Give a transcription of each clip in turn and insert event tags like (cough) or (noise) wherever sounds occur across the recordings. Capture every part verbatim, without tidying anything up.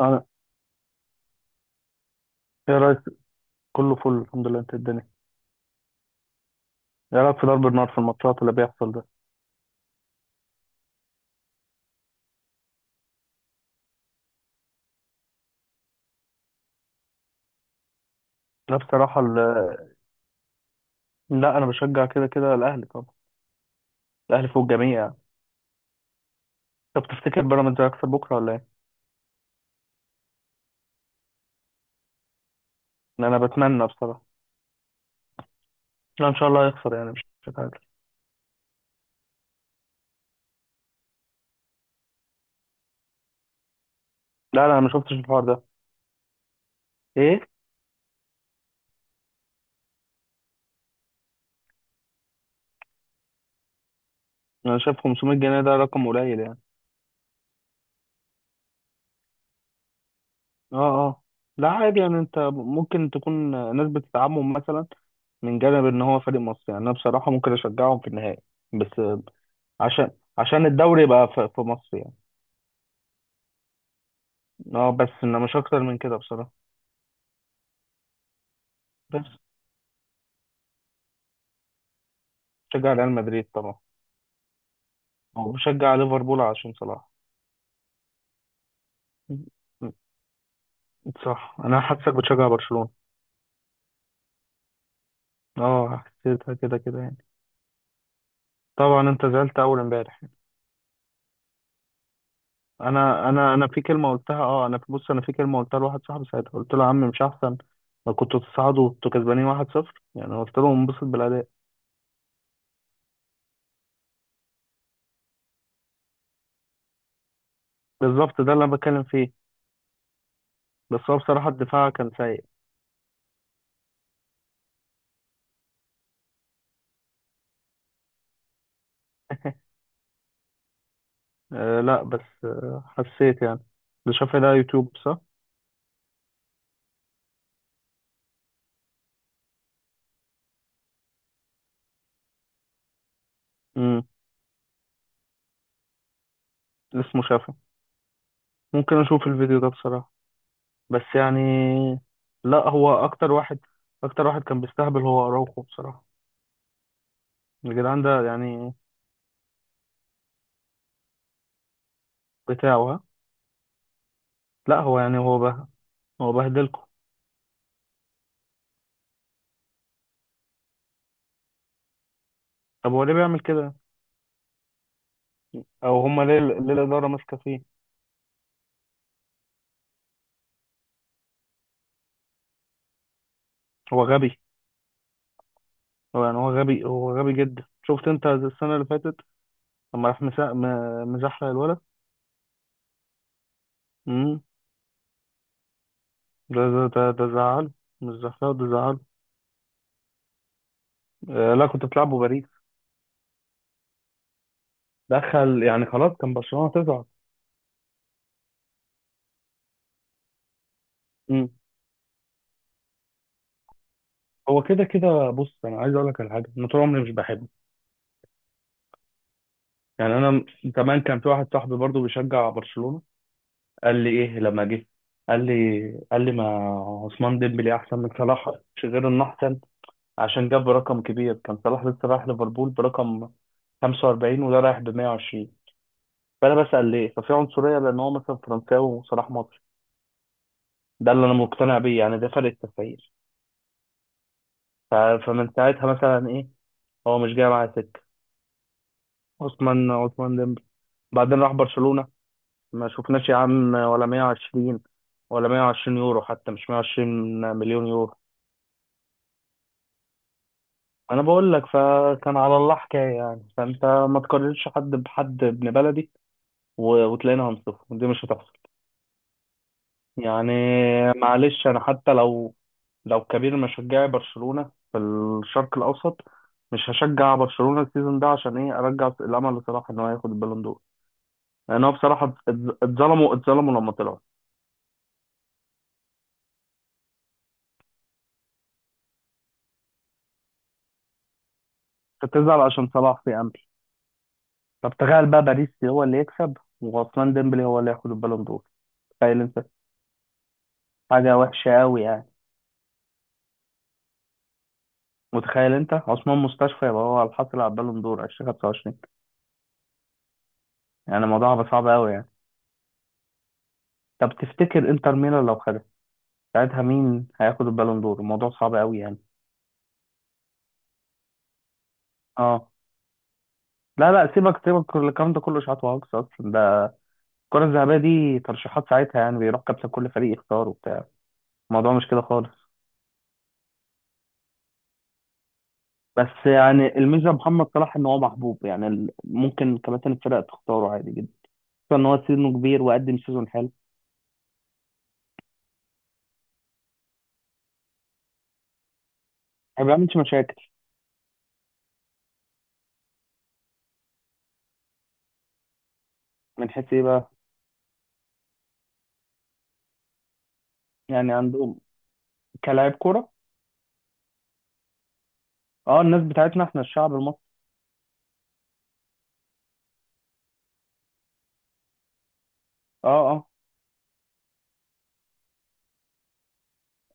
أنا، إيه رأيك؟ كله فل، الحمد لله. أنت الدنيا. إيه رأيك في ضرب النار في الماتشات اللي بيحصل ده؟ لا بصراحة ال... لا، أنا بشجع كده كده الأهلي طبعا. الأهلي فوق الجميع يعني. طب تفتكر بيراميدز هيخسر بكرة ولا إيه؟ إن أنا بتمنى بصراحة. لا، إن شاء الله هيخسر، يعني مش هتعادل. لا لا، أنا ما شفتش الحوار ده. إيه؟ أنا شايف خمسمية جنيه ده رقم قليل يعني. أه أه. لا عادي، يعني أنت ممكن تكون ناس بتدعمهم مثلا، من جانب إن هو فريق مصري. يعني أنا بصراحة ممكن أشجعهم في النهائي بس. عشان عشان الدوري يبقى في في مصر يعني. اه بس انه مش اكتر من كده بصراحة. بس بشجع ريال مدريد طبعا، او بشجع ليفربول عشان صلاح. م- صح، انا حاسسك بتشجع برشلونة. اه، حسيتها كده كده يعني. طبعا انت زعلت اول امبارح. انا انا انا في كلمة قلتها، اه انا في بص، انا في كلمة قلتها لواحد صاحبي ساعتها، قلت له يا عم، مش احسن ما كنتوا تصعدوا وانتوا كسبانين واحد صفر، يعني قلت له انبسط بالاداء. بالظبط ده اللي انا بتكلم فيه. بس هو بصراحة الدفاع كان سيء. (laughs) آه لا، بس آه حسيت يعني. ده شاف ده يوتيوب صح؟ امم. اسمه شافعي. ممكن اشوف الفيديو ده بصراحة، بس يعني. لا هو اكتر واحد اكتر واحد كان بيستهبل، هو اراوخو بصراحة. الجدعان ده يعني، بتاعه ها. لا هو يعني هو به هو بهدلكم. طب هو ليه بيعمل كده؟ او هما ليه، ليه الادارة ماسكة فيه؟ هو غبي. هو يعني هو غبي، هو غبي جدا. شفت انت السنة اللي فاتت لما راح مسا... م- مزحلق الولد. امم. ده ده ده ده زعل. مش زحلق، ده زعل. آه لا، كنت بتلعبوا باريس. دخل يعني، خلاص كان برشلونة تزعل. هو كده كده، بص انا عايز اقول لك على حاجه، انا طول عمري مش بحبه يعني. انا كمان كان في واحد صاحبي برضو بيشجع برشلونه، قال لي ايه لما جه. قال لي قال لي ما عثمان ديمبلي احسن من صلاح. مش غير انه احسن، عشان جاب رقم كبير. كان صلاح لسه رايح ليفربول برقم خمسة واربعين، وده رايح ب مية وعشرين. فانا بسال ليه؟ ففي عنصريه، لان هو مثلا فرنساوي وصلاح مصري. ده اللي انا مقتنع بيه، يعني ده فرق التفكير. ف- فمن ساعتها مثلا ايه، هو مش جاي معايا سكه عثمان، عثمان ديمبلي. بعدين راح برشلونة، ما شفناش يا عم ولا مائة وعشرين، ولا مية وعشرين يورو حتى، مش مية وعشرين مليون يورو. انا بقول لك فكان على الله حكايه يعني، فانت ما تقارنش حد بحد ابن بلدي. و- وتلاقينا هنصفه دي مش هتحصل يعني. معلش انا حتى لو لو كبير مشجعي برشلونه في الشرق الاوسط، مش هشجع برشلونه السيزون ده عشان ايه؟ ارجع الامل لصلاح ان هو ياخد البالون دور. لان هو بصراحه اتظ- اتظلموا اتظلموا لما طلعوا. فتزعل عشان صلاح في امل. طب تخيل بقى، باريس هو اللي يكسب وعثمان ديمبلي هو اللي ياخد البالون دور. تخيل انت، حاجة وحشة قوي يعني. متخيل انت عثمان مستشفى يبقى هو الحاصل على البالون دور الفين وخمسة وعشرين؟ يعني الموضوع هيبقى صعب قوي يعني. طب تفتكر انتر ميلان لو خدها ساعتها، مين هياخد البالون دور؟ الموضوع صعب قوي يعني. اه. لا لا، سيبك سيبك من الكلام ده كله، اشاعات وهجص اصلا ده. الكرة الذهبية دي ترشيحات ساعتها، يعني بيروح كابتن كل فريق يختار وبتاع. الموضوع مش كده خالص. بس يعني الميزه محمد صلاح ان هو محبوب، يعني ال- ممكن كباتن الفرق تختاره عادي. خصوصا ان هو سنه كبير وقدم سيزون حلو. ما بيعملش مشاكل. من حيث ايه بقى؟ يعني عندهم كلاعب كوره، اه الناس بتاعتنا احنا الشعب المصري. اه اه.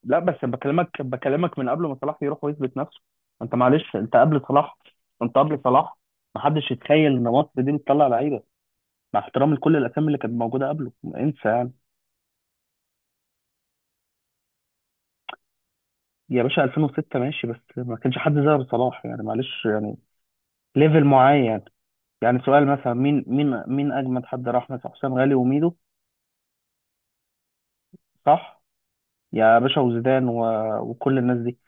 لا بس بكلمك بكلمك، من قبل ما صلاح يروح ويثبت نفسه. انت معلش، انت قبل صلاح، انت قبل صلاح، ما حدش يتخيل ان مصر دي بتطلع لعيبه، مع احترام لكل الاسامي اللي كانت موجوده قبله. انسى يعني. يا باشا الفين وستة ماشي، بس ما كانش حد زي أبو صلاح يعني، معلش يعني، ليفل معين يعني. يعني سؤال مثلا، مين مين مين اجمد حد راح مثلا؟ حسام غالي وميدو. صح. يا باشا وزيدان و... وكل الناس دي.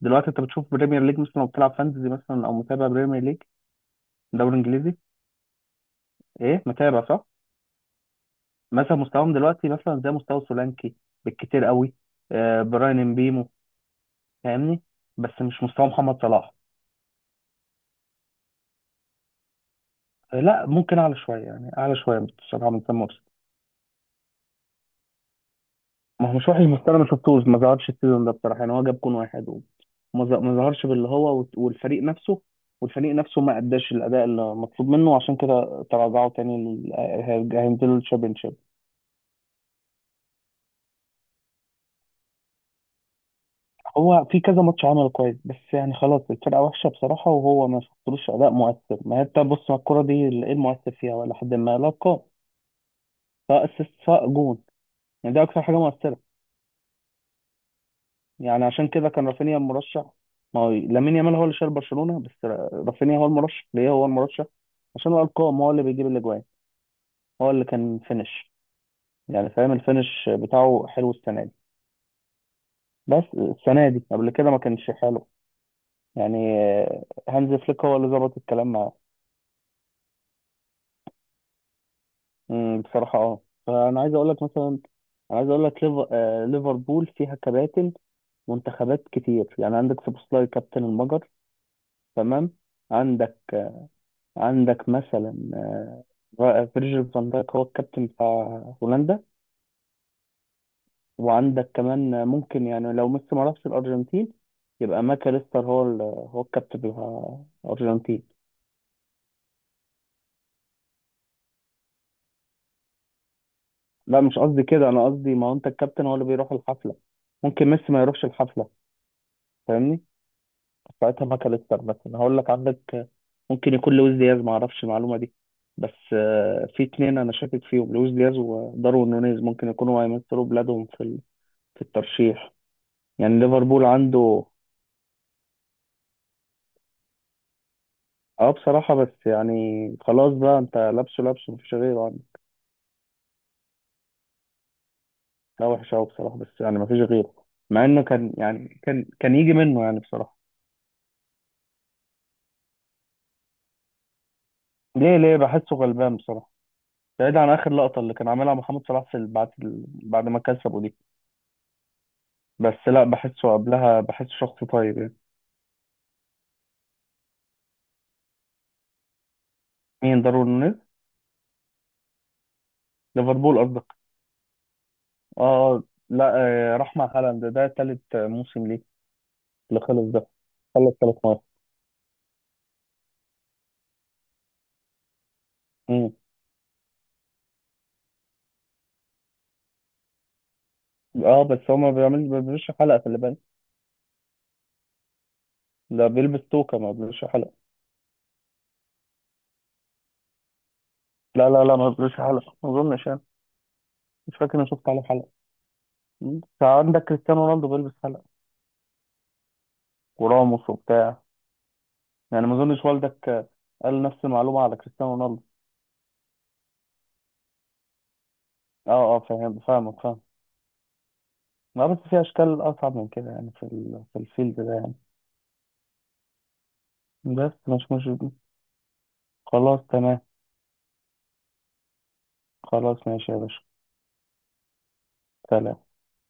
دلوقتي انت بتشوف بريمير ليج مثلا، لو بتلعب فانتزي مثلا او متابع بريمير ليج، دوري انجليزي، ايه متابع صح؟ مثلا مستواهم دلوقتي مثلا زي مستوى سولانكي بالكتير قوي، آه براين امبيمو. فاهمني؟ بس مش مستوى محمد صلاح. آه لا، ممكن اعلى شويه، يعني اعلى شويه بصراحه من سام مرسي. ما هو مش وحي المختار، انا ما شفتوش. ما ظهرش السيزون ده بصراحه يعني، هو جاب جون واحد و- وما ظ- ما ظهرش باللي هو وت- والفريق نفسه، والفريق نفسه ما اداش الاداء اللي مطلوب منه. عشان كده تراجعوا تاني لل- هي- هينزلوا الشامبيونشيب. هو في كذا ماتش عمله كويس، بس يعني خلاص الفرقه وحشه بصراحه، وهو ما شفتلوش اداء مؤثر. ما هي انت بص على الكوره دي، ايه المؤثر فيها ولا حد؟ ما لا القاء، سواء اسيست سواء جون، يعني دي اكتر حاجه مؤثره. يعني عشان كده كان رافينيا المرشح. ما هو لامين يامال هو اللي شايل برشلونة، بس را- رافينيا هو المرشح. ليه هو المرشح؟ عشان هو الارقام، هو اللي بيجيب الاجوان، هو اللي كان فينش. يعني فاهم؟ الفينش بتاعه حلو السنة دي، بس السنة دي قبل كده ما كانش حلو يعني. آه، هانز فليك هو اللي ظبط الكلام معاه. أمم، بصراحة اه فأنا عايز أقول لك مثلا. أنا عايز أقول لك ليف- آه، ليفربول فيها كباتن منتخبات كتير، يعني عندك سوبوسلاي كابتن المجر، تمام. عندك، عندك مثلا آه، فيرجيل فان دايك هو الكابتن بتاع هولندا. وعندك كمان آه، ممكن يعني لو ميسي ما راحش الأرجنتين، يبقى ماكاليستر هو ال- هو الكابتن بتاع الأرجنتين. لا مش قصدي كده، أنا قصدي ما هو أنت الكابتن هو اللي بيروح الحفلة. ممكن ميسي ما يروحش الحفلة. فاهمني؟ ساعتها ماكاليستر مثلا. هقول لك عندك آه، ممكن يكون لويس دياز، ما أعرفش المعلومة دي بس. آه، في اتنين أنا شاكك فيهم، لويس دياز وداروين نونيز، ممكن يكونوا هيمثلوا بلادهم في ال- في الترشيح. يعني ليفربول عنده. اه بصراحة، بس يعني خلاص بقى انت لابسه لابسه، مفيش غيره يعني. لا وحش قوي بصراحة، بس يعني مفيش غيره. مع انه كان يعني، كان كان يجي منه يعني بصراحة. ليه ليه بحسه غلبان بصراحة، بعيد عن اخر لقطة اللي كان عاملها محمد صلاح في ال- بعد ال... بعد ما كسبه دي. بس لا بحسه قبلها، بحسه شخص طيب يعني. مين داروين نونيز؟ ليفربول قصدك. اه. آه. لا. آه، راح مع هالاند. ده تالت موسم ليه، اللي خلص ده. خلص ثلاث مرات. مم. اه بس هو ما بيعملش، ما بيعملش حلقة في اللي بالك. ده بيلبس توكة، ما بيلبسش حلقة. لا لا لا، ما بيلبسش حلقة ما أظنش يعني. مش فاكر إني شفت عليه حلقة. مم. فعندك كريستيانو رونالدو بيلبس حلقة وراموس وبتاع. يعني ما أظنش والدك آه، قال نفس المعلومة على كريستيانو رونالدو. أه أه، فاهم، فاهمك، فاهم. لا بس في أشكال أصعب من كده يعني، في ال- في الفيلد ده يعني. بس مش مش خلاص تمام. خلاص ماشي يا باشا. سلام.